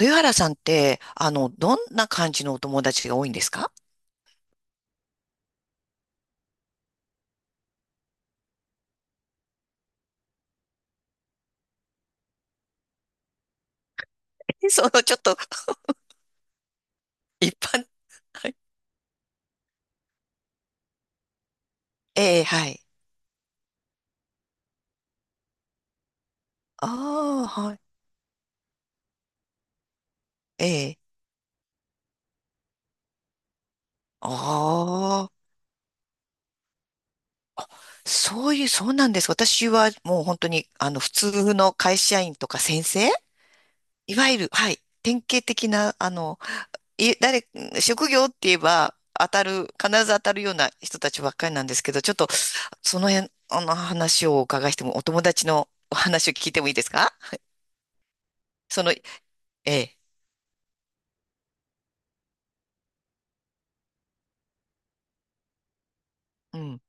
豊原さんって、どんな感じのお友達が多いんですか？ その、ちょっと、一般、はい。ええ、はい。ああ、はい。ええ。ああ、そういう、そうなんです。私はもう本当に、普通の会社員とか先生、いわゆる、はい。典型的な、い、誰、職業って言えば、当たる、必ず当たるような人たちばっかりなんですけど、ちょっと、その辺、あの話をお伺いしても、お友達のお話を聞いてもいいですか？ええ。うん。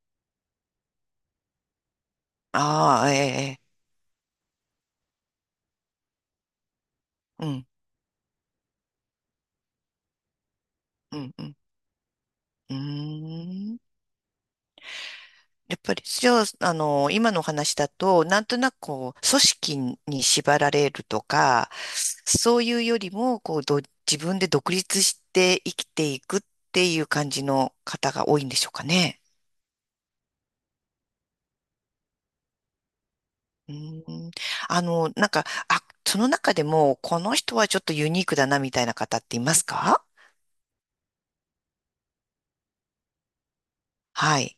ああ、ええ、ええ、うん、うん、うん。うーん。やっぱり、じゃあ、今のお話だと、なんとなくこう、組織に縛られるとか、そういうよりも、自分で独立して生きていくっていう感じの方が多いんでしょうかね。うーん。あの、なんか、その中でも、この人はちょっとユニークだな、みたいな方っていますか？はい。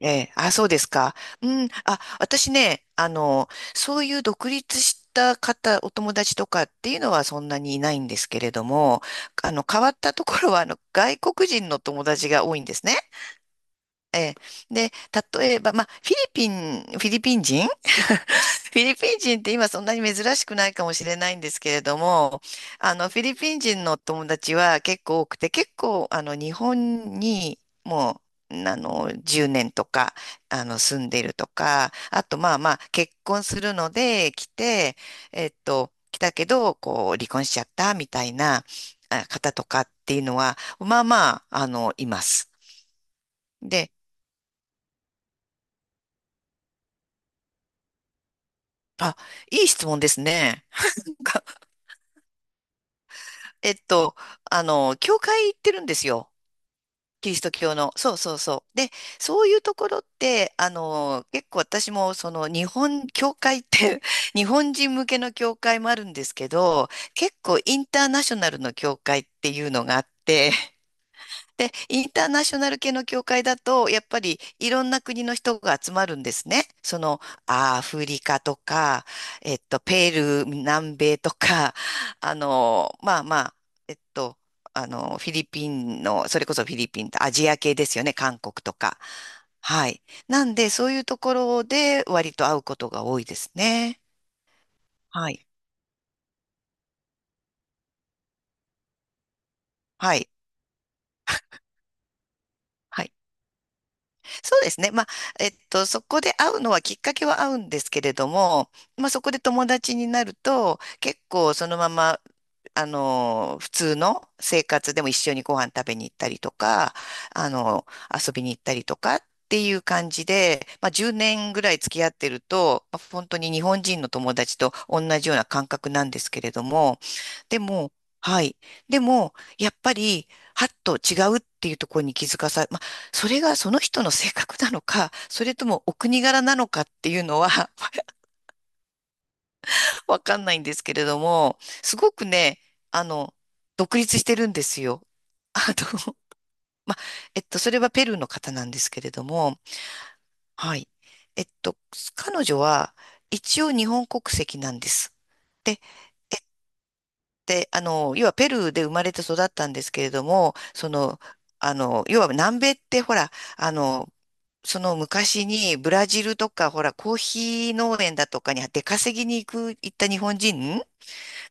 ええ、あ、そうですか。うん、あ、私ね、そういう独立した方、お友達とかっていうのはそんなにいないんですけれども、変わったところは、外国人の友達が多いんですね。ええ、で、例えば、まあ、フィリピン人、フィリピン人って今そんなに珍しくないかもしれないんですけれども、フィリピン人の友達は結構多くて、結構、日本にもう、あの、10年とか、住んでるとか、あと、まあまあ、結婚するので来て、来たけど、こう、離婚しちゃったみたいなあ方とかっていうのは、まあまあ、います。で、あ、いい質問ですね。がえっと、教会行ってるんですよ。キリスト教の、そうそうそう。で、そういうところって、結構私も、その、日本、教会って 日本人向けの教会もあるんですけど、結構インターナショナルの教会っていうのがあって、で、インターナショナル系の教会だと、やっぱりいろんな国の人が集まるんですね。その、アフリカとか、ペルー、南米とか、まあまあ、えっと、フィリピンの、それこそフィリピンとアジア系ですよね、韓国とか。はい。なんで、そういうところで割と会うことが多いですね。はい。はい。はい、そうですね。まあ、そこで会うのはきっかけは合うんですけれども、まあ、そこで友達になると、結構そのまま、普通の生活でも一緒にご飯食べに行ったりとか、あの、遊びに行ったりとかっていう感じで、まあ、10年ぐらい付き合ってると、まあ本当に日本人の友達と同じような感覚なんですけれども、でも、はい。でも、やっぱり、はっと違うっていうところに気づかさ、それがその人の性格なのか、それともお国柄なのかっていうのは わかんないんですけれども、すごくね、あの、独立してるんですよ。あの、ま、それはペルーの方なんですけれども、はい。えっと、彼女は一応日本国籍なんです。で、で、要はペルーで生まれて育ったんですけれども、その、要は南米ってほら、その昔にブラジルとか、ほら、コーヒー農園だとかに出稼ぎに行く、行った日本人、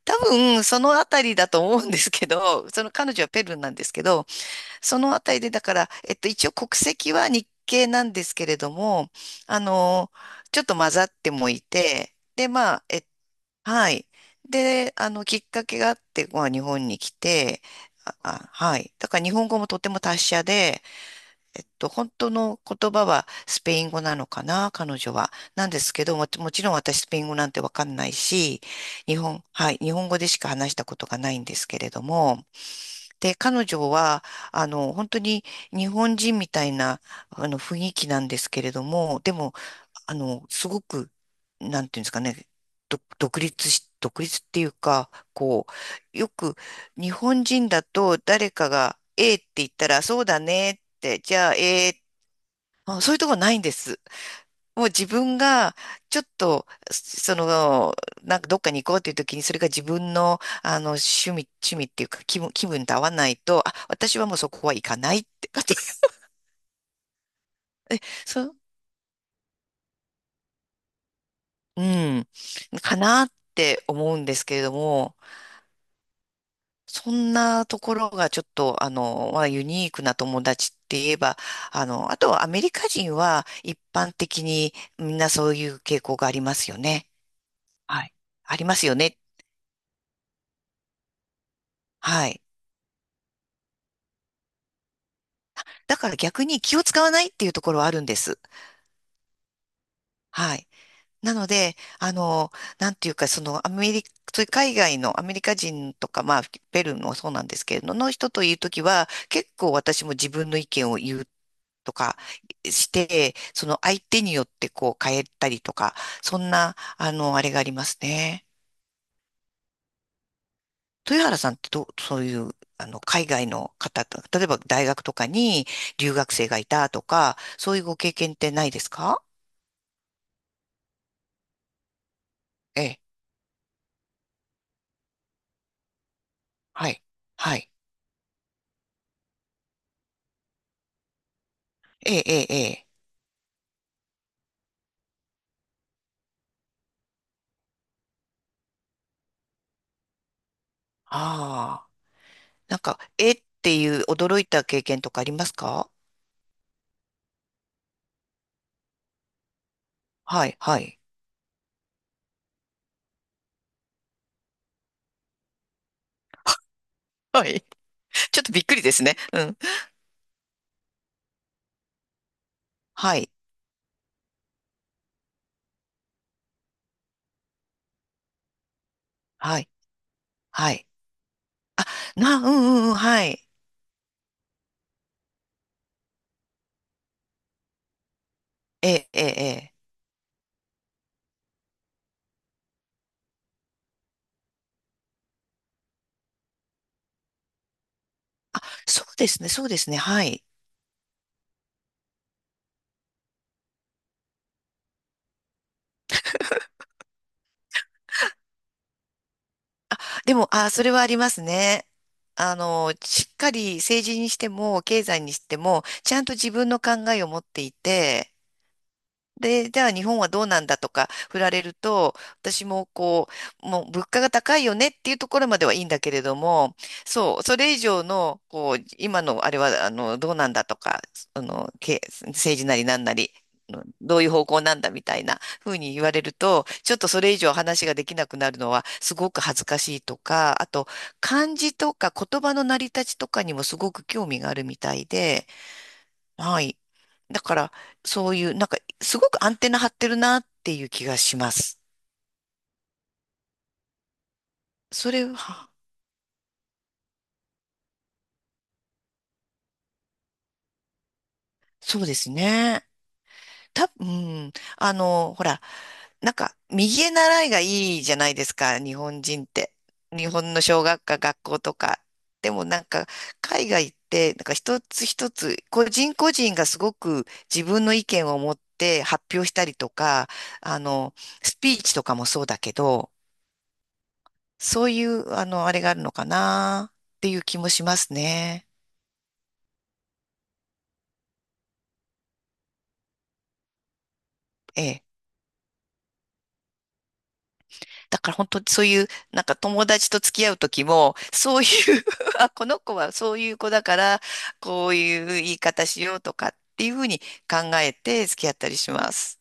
多分、そのあたりだと思うんですけど、その彼女はペルーなんですけど、そのあたりで、だから、一応国籍は日系なんですけれども、あの、ちょっと混ざってもいて、で、まあ、え、はい。で、きっかけがあって、まあ、日本に来て、あ、あ、はい。だから日本語もとても達者で、本当の言葉はスペイン語なのかな、彼女は。なんですけども、もちろん私スペイン語なんてわかんないし、はい、日本語でしか話したことがないんですけれども、で、彼女は、本当に日本人みたいな、雰囲気なんですけれども、でも、すごく、なんていうんですかね、ど独立し、独立っていうか、こう、よく日本人だと誰かが、ええって言ったら、そうだねって、じゃあ、ええ、あ、そういうとこないんです。もう自分が、ちょっと、その、なんかどっかに行こうっていう時に、それが自分の、趣味っていうか、気分と合わないと、あ、私はもうそこは行かないって、そう、うん、かなって思うんですけれども、そんなところがちょっと、まあ、ユニークな友達って言えば、あとはアメリカ人は一般的にみんなそういう傾向がありますよね。はい。ありますよね。はい。だから逆に気を使わないっていうところはあるんです。はい。なので、なんていうか、そのアメリカ、そういう海外のアメリカ人とか、まあ、ペルーもそうなんですけれど、の人というときは、結構私も自分の意見を言うとかして、その相手によってこう変えたりとか、そんな、あれがありますね。豊原さんってどう、そういう、海外の方と、例えば大学とかに留学生がいたとか、そういうご経験ってないですか？ええ、はい。はい。ええ、ええ、ええ。ああ。なんか、えっていう驚いた経験とかありますか？はい、はい。はい。ちょっとびっくりですね。うん。はい、はい、はい。な、うん、うん、うん、はい。ええ、ええ、ええ。そうですね、そうですね、はい。でも、ああ、それはありますね。しっかり政治にしても、経済にしても、ちゃんと自分の考えを持っていて、で、じゃあ日本はどうなんだとか振られると、私もこう、もう物価が高いよねっていうところまではいいんだけれども、そう、それ以上の、こう、今のあれは、どうなんだとか、あの、け、政治なりなんなり、うん、どういう方向なんだみたいなふうに言われると、ちょっとそれ以上話ができなくなるのはすごく恥ずかしいとか、あと漢字とか言葉の成り立ちとかにもすごく興味があるみたいで、はい。だから、そういう、なんか、すごくアンテナ張ってるなっていう気がします。それは、そうですね。た、うん。ほら、なんか、右へ習いがいいじゃないですか、日本人って。日本の小学科、学校とか。でもなんか、海外って、なんか一つ一つ、個人個人がすごく自分の意見を持って発表したりとか、あの、スピーチとかもそうだけど、そういう、あれがあるのかなっていう気もしますね。ええ。だから本当にそういう、なんか友達と付き合う時も、そういう あ、この子はそういう子だから、こういう言い方しようとかっていうふうに考えて付き合ったりします。